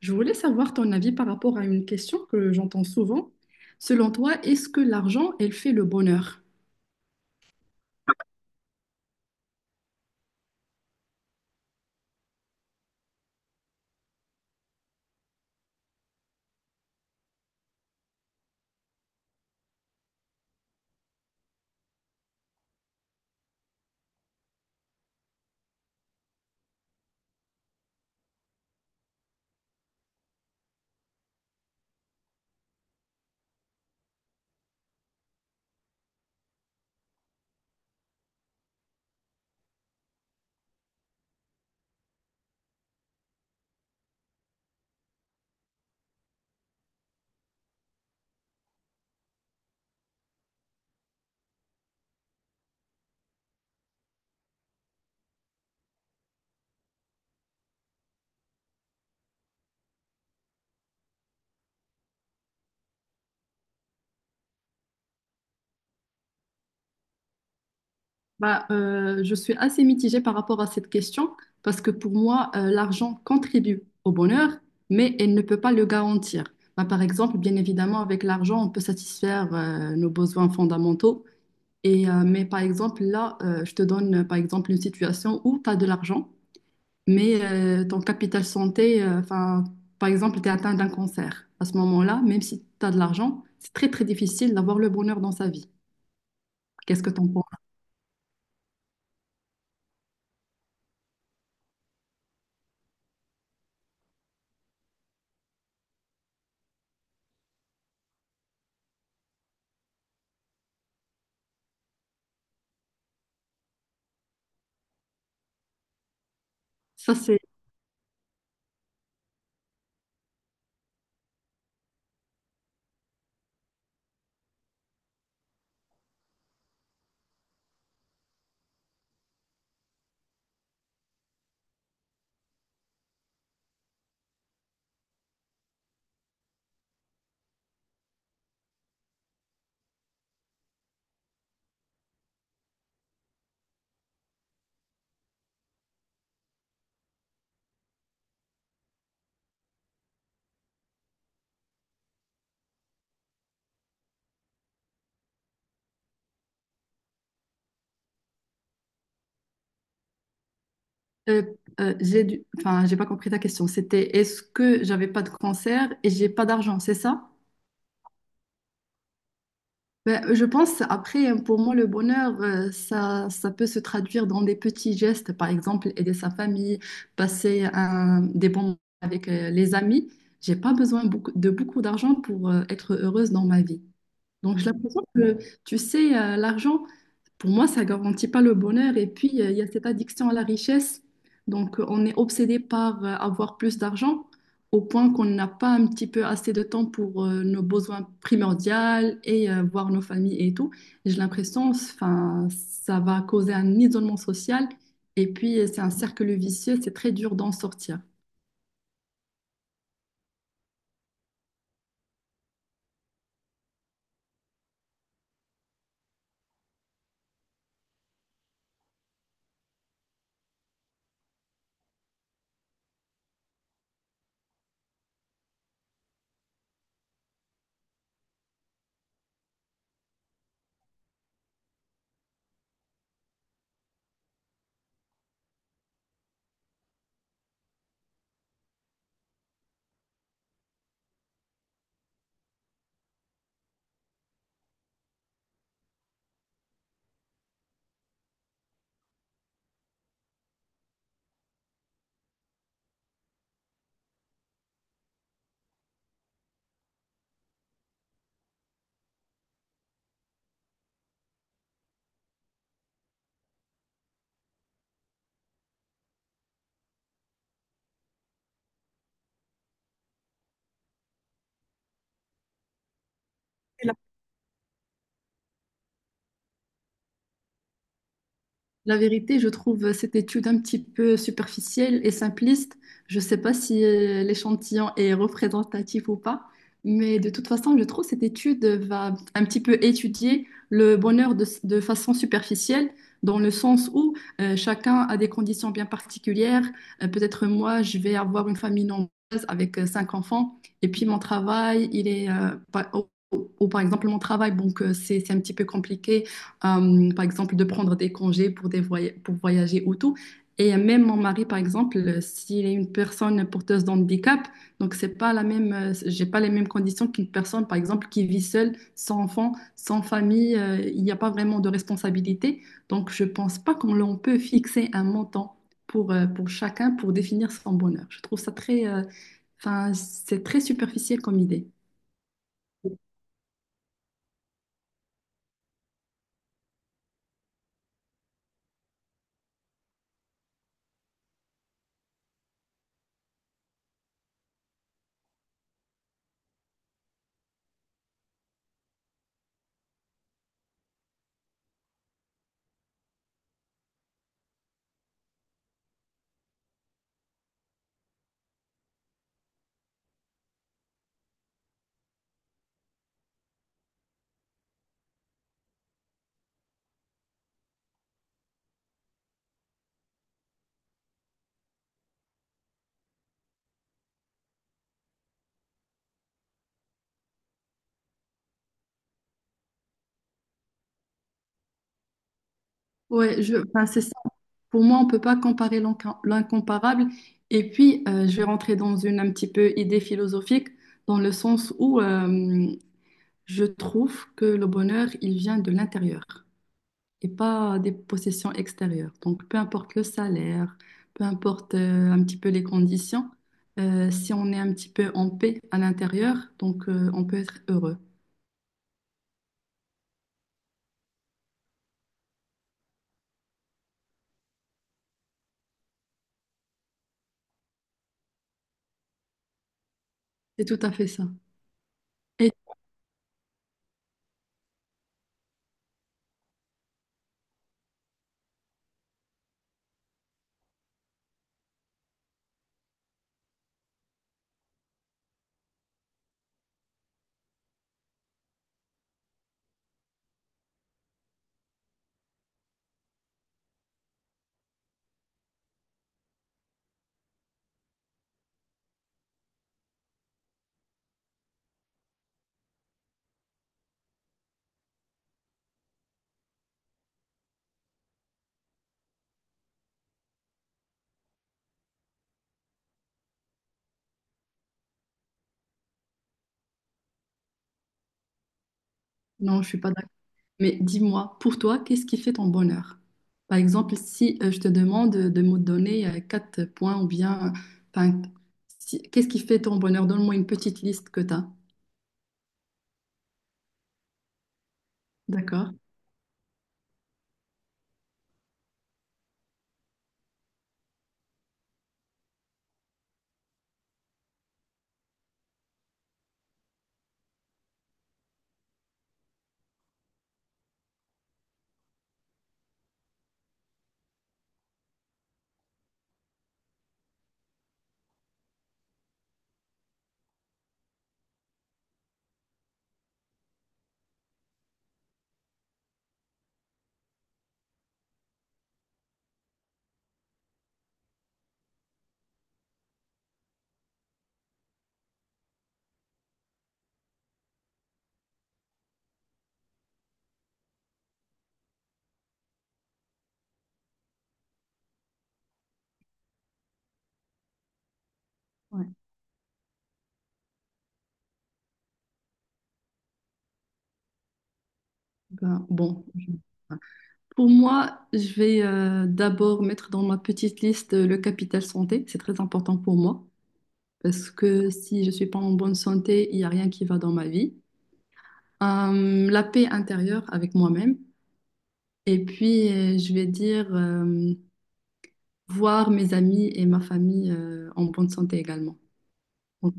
Je voulais savoir ton avis par rapport à une question que j'entends souvent. Selon toi, est-ce que l'argent, elle fait le bonheur? Bah, je suis assez mitigée par rapport à cette question parce que pour moi, l'argent contribue au bonheur, mais elle ne peut pas le garantir. Bah, par exemple, bien évidemment, avec l'argent, on peut satisfaire nos besoins fondamentaux. Et, mais par exemple, là, je te donne par exemple une situation où tu as de l'argent. Mais ton capital santé, enfin, par exemple, tu es atteint d'un cancer. À ce moment-là, même si tu as de l'argent, c'est très très difficile d'avoir le bonheur dans sa vie. Qu'est-ce que tu en penses? Ça, c'est. euh, Enfin, j'ai pas compris ta question. C'était est-ce que j'avais pas de cancer et j'ai pas d'argent, c'est ça? Ben, je pense, après, pour moi, le bonheur, ça, ça peut se traduire dans des petits gestes, par exemple, aider sa famille, passer des bons moments avec les amis. J'ai pas besoin de beaucoup d'argent pour être heureuse dans ma vie. Donc, j'ai l'impression que, tu sais, l'argent, pour moi, ça garantit pas le bonheur. Et puis, il y a cette addiction à la richesse. Donc, on est obsédé par avoir plus d'argent au point qu'on n'a pas un petit peu assez de temps pour nos besoins primordiaux et voir nos familles et tout. J'ai l'impression, enfin, ça va causer un isolement social. Et puis, c'est un cercle vicieux. C'est très dur d'en sortir. La vérité, je trouve cette étude un petit peu superficielle et simpliste. Je ne sais pas si l'échantillon est représentatif ou pas, mais de toute façon, je trouve que cette étude va un petit peu étudier le bonheur de façon superficielle, dans le sens où chacun a des conditions bien particulières. Peut-être moi, je vais avoir une famille nombreuse avec cinq enfants, et puis mon travail, il est, ou par exemple mon travail, donc c'est un petit peu compliqué par exemple, de prendre des congés pour, pour voyager ou tout. Et même mon mari, par exemple, s'il est une personne porteuse d'handicap, donc c'est pas la même, j'ai pas les mêmes conditions qu'une personne, par exemple, qui vit seule, sans enfant, sans famille, il n'y a pas vraiment de responsabilité. Donc je pense pas qu'on l'on peut fixer un montant pour chacun pour définir son bonheur. Je trouve ça très, enfin, c'est très superficiel comme idée. Ouais, enfin, c'est. Pour moi, on ne peut pas comparer l'incomparable. Et puis, je vais rentrer dans une un petit peu idée philosophique, dans le sens où je trouve que le bonheur, il vient de l'intérieur et pas des possessions extérieures. Donc, peu importe le salaire, peu importe un petit peu les conditions, si on est un petit peu en paix à l'intérieur, donc on peut être heureux. C'est tout à fait ça. Et non, je suis pas d'accord. Mais dis-moi, pour toi, qu'est-ce qui fait ton bonheur? Par exemple, si je te demande de me donner quatre points ou bien, enfin, qu'est-ce qui fait ton bonheur? Donne-moi une petite liste que tu as. D'accord? Ouais. Ben, bon. Pour moi, je vais d'abord mettre dans ma petite liste le capital santé. C'est très important pour moi parce que si je suis pas en bonne santé, il n'y a rien qui va dans ma vie. La paix intérieure avec moi-même. Et puis, je vais dire voir mes amis et ma famille en bonne santé également. Donc,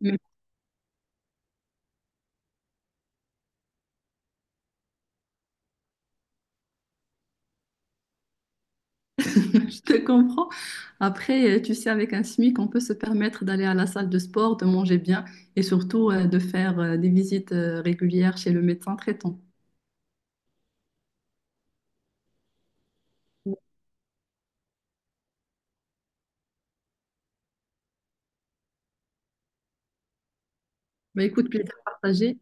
je je te comprends. Après, tu sais, avec un SMIC, on peut se permettre d'aller à la salle de sport, de manger bien et surtout de faire des visites régulières chez le médecin traitant. Bah, écoute, plaisir partagé.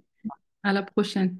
À la prochaine.